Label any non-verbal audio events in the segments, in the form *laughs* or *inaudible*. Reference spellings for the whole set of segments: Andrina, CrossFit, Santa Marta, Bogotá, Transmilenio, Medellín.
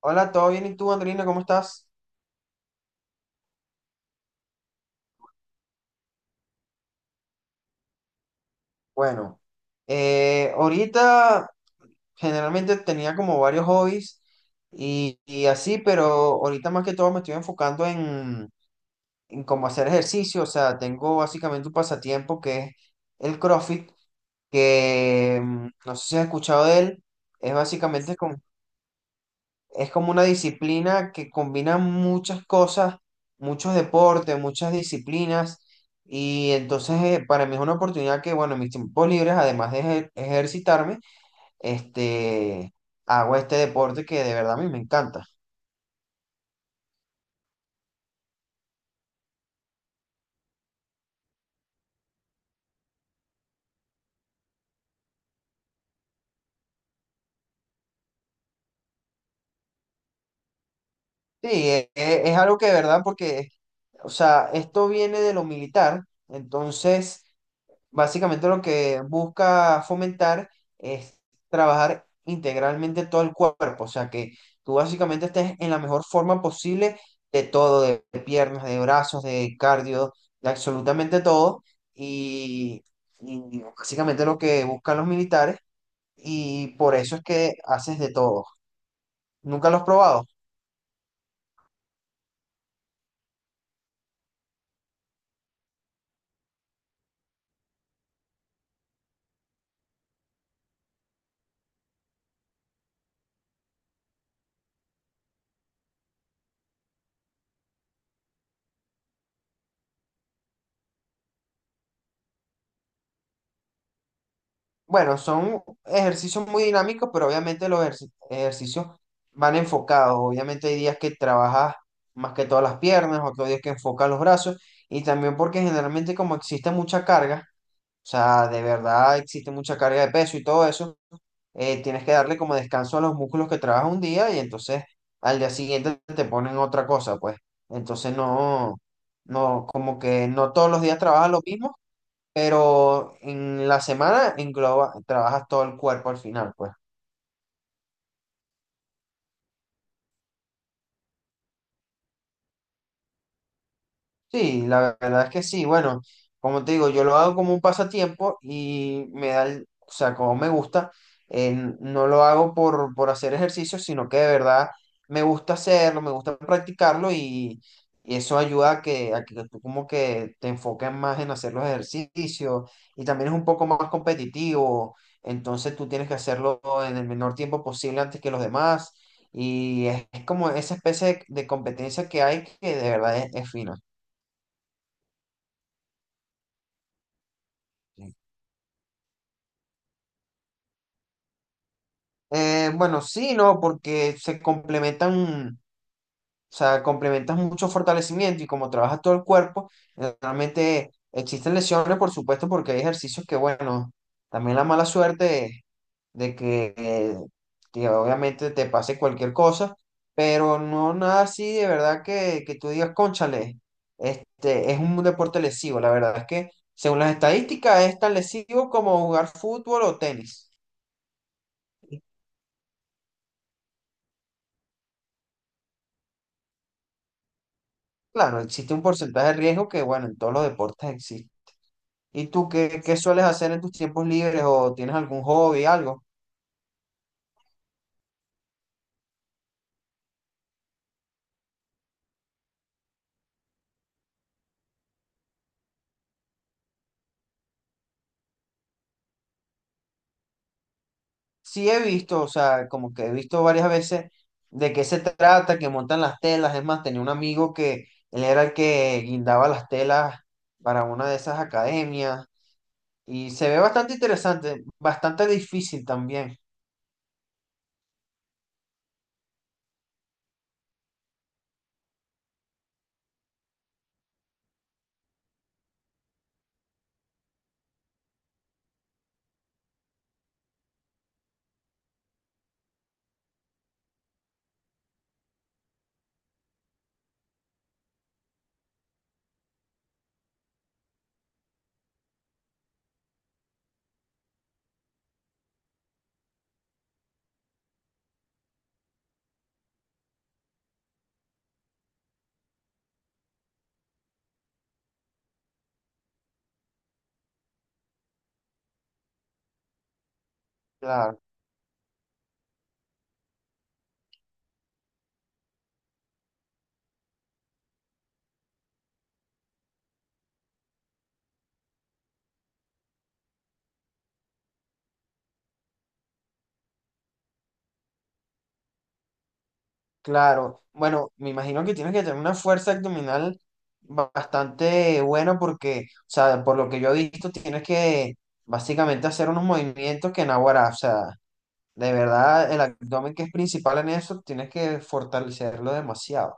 Hola, ¿todo bien? ¿Y tú, Andrina, cómo estás? Bueno, ahorita generalmente tenía como varios hobbies y así, pero ahorita más que todo me estoy enfocando en cómo hacer ejercicio. O sea, tengo básicamente un pasatiempo que es el CrossFit, que no sé si has escuchado de él. Es básicamente con Es como una disciplina que combina muchas cosas, muchos deportes, muchas disciplinas. Y entonces para mí es una oportunidad que, bueno, en mis tiempos libres, además de ejercitarme, este, hago este deporte que de verdad a mí me encanta. Sí, es, algo que de verdad porque, o sea, esto viene de lo militar. Entonces, básicamente lo que busca fomentar es trabajar integralmente todo el cuerpo, o sea que tú básicamente estés en la mejor forma posible de todo, de, piernas, de brazos, de cardio, de absolutamente todo. Y, y básicamente lo que buscan los militares y por eso es que haces de todo. ¿Nunca lo has probado? Bueno, son ejercicios muy dinámicos, pero obviamente los ejercicios van enfocados. Obviamente hay días que trabajas más que todas las piernas, otros días que enfocas los brazos, y también porque generalmente como existe mucha carga, o sea, de verdad existe mucha carga de peso y todo eso, tienes que darle como descanso a los músculos que trabajas un día y entonces al día siguiente te ponen otra cosa, pues. Entonces no, no, como que no todos los días trabajas lo mismo, pero en la semana engloba, trabajas todo el cuerpo al final, pues. Sí, la verdad es que sí. Bueno, como te digo, yo lo hago como un pasatiempo y me da, o sea, como me gusta, eh, no lo hago por hacer ejercicio, sino que de verdad me gusta hacerlo, me gusta practicarlo y eso ayuda a que tú como que te enfoques más en hacer los ejercicios y también es un poco más competitivo, entonces tú tienes que hacerlo en el menor tiempo posible antes que los demás y es como esa especie de competencia que hay que de verdad es fina. Bueno, sí, no, porque se complementan, o sea, complementan mucho fortalecimiento y como trabaja todo el cuerpo, realmente existen lesiones, por supuesto, porque hay ejercicios que, bueno, también la mala suerte de que que obviamente te pase cualquier cosa, pero no nada así de verdad que tú digas, cónchale, este es un deporte lesivo, la verdad es que según las estadísticas es tan lesivo como jugar fútbol o tenis. Claro, existe un porcentaje de riesgo que, bueno, en todos los deportes existe. ¿Y tú qué, qué sueles hacer en tus tiempos libres o tienes algún hobby, algo? Sí, he visto, o sea, como que he visto varias veces de qué se trata, que montan las telas. Es más, tenía un amigo que él era el que guindaba las telas para una de esas academias y se ve bastante interesante, bastante difícil también, claro. Claro, bueno, me imagino que tienes que tener una fuerza abdominal bastante buena porque, o sea, por lo que yo he visto, tienes que básicamente hacer unos movimientos que naguará, o sea, de verdad el abdomen que es principal en eso, tienes que fortalecerlo demasiado.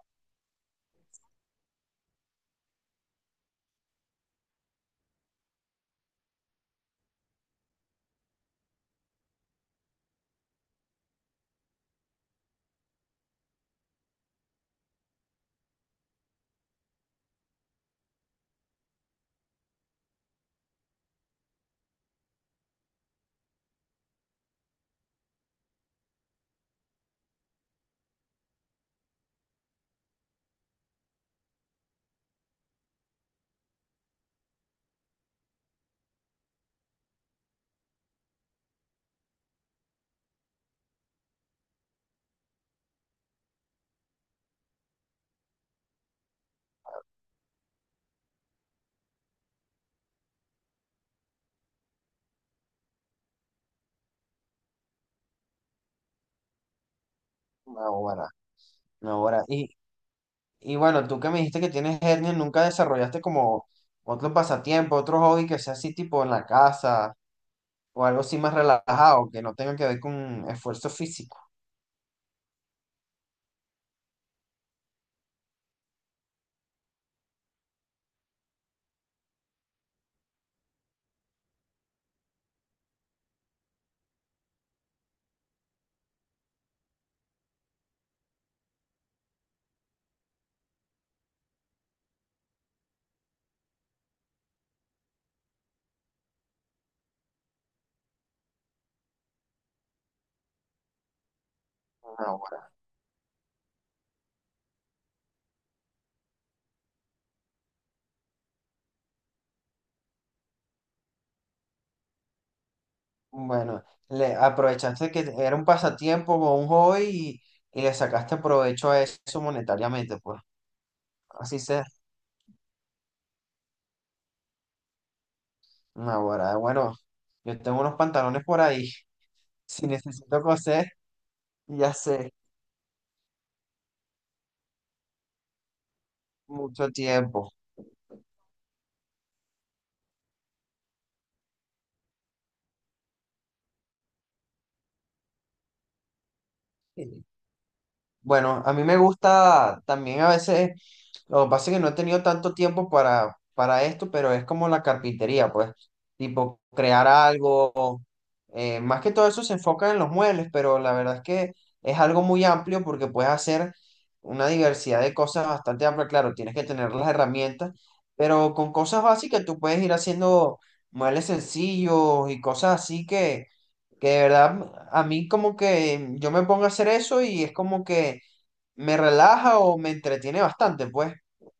Naguará, naguará. Y bueno, tú que me dijiste que tienes hernia, ¿nunca desarrollaste como otro pasatiempo, otro hobby que sea así tipo en la casa o algo así más relajado, que no tenga que ver con esfuerzo físico? No. Bueno, le aprovechaste que era un pasatiempo o un hobby y le sacaste provecho a eso monetariamente, pues. Así sea. Ahora, bueno, yo tengo unos pantalones por ahí. *laughs* Si necesito coser, ya sé, mucho tiempo. Bueno, a mí me gusta también a veces. Lo que pasa es que no he tenido tanto tiempo para esto, pero es como la carpintería, pues, tipo crear algo. Eh, más que todo eso se enfoca en los muebles, pero la verdad es que es algo muy amplio porque puedes hacer una diversidad de cosas bastante amplia. Claro, tienes que tener las herramientas, pero con cosas básicas tú puedes ir haciendo muebles sencillos y cosas así que de verdad a mí como que yo me pongo a hacer eso y es como que me relaja o me entretiene bastante, pues.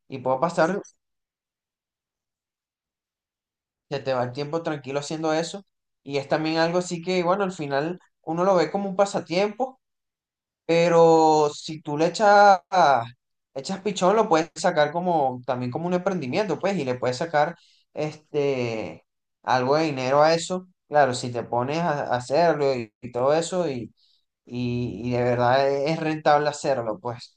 Y puedo pasar, se te va el tiempo tranquilo haciendo eso. Y es también algo así que, bueno, al final uno lo ve como un pasatiempo, pero si tú le echas, echas pichón, lo puedes sacar como, también como un emprendimiento, pues, y le puedes sacar este, algo de dinero a eso. Claro, si te pones a hacerlo y todo eso, y de verdad es rentable hacerlo, pues.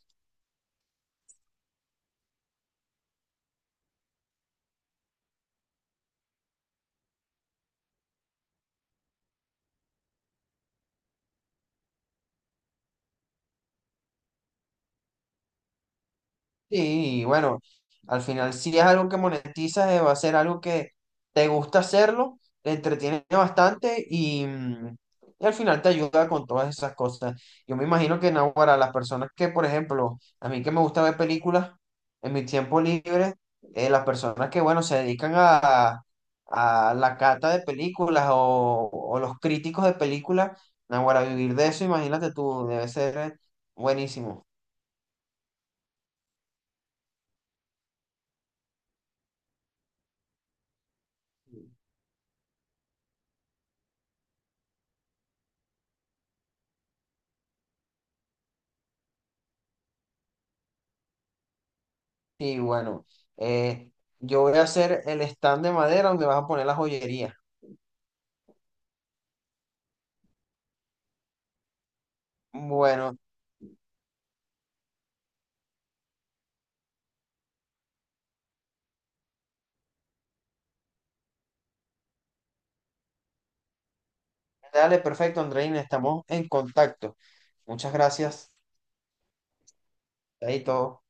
Sí, y bueno, al final si es algo que monetizas, va a ser algo que te gusta hacerlo, te entretiene bastante y y al final te ayuda con todas esas cosas. Yo me imagino que no, para las personas que, por ejemplo, a mí que me gusta ver películas en mi tiempo libre, las personas que, bueno, se dedican a la cata de películas o los críticos de películas, no, para vivir de eso, imagínate tú, debe ser buenísimo. Sí, bueno, eh, yo voy a hacer el stand de madera donde vas a poner la joyería. Bueno, dale, perfecto, Andreina, estamos en contacto. Muchas gracias. Ahí todo.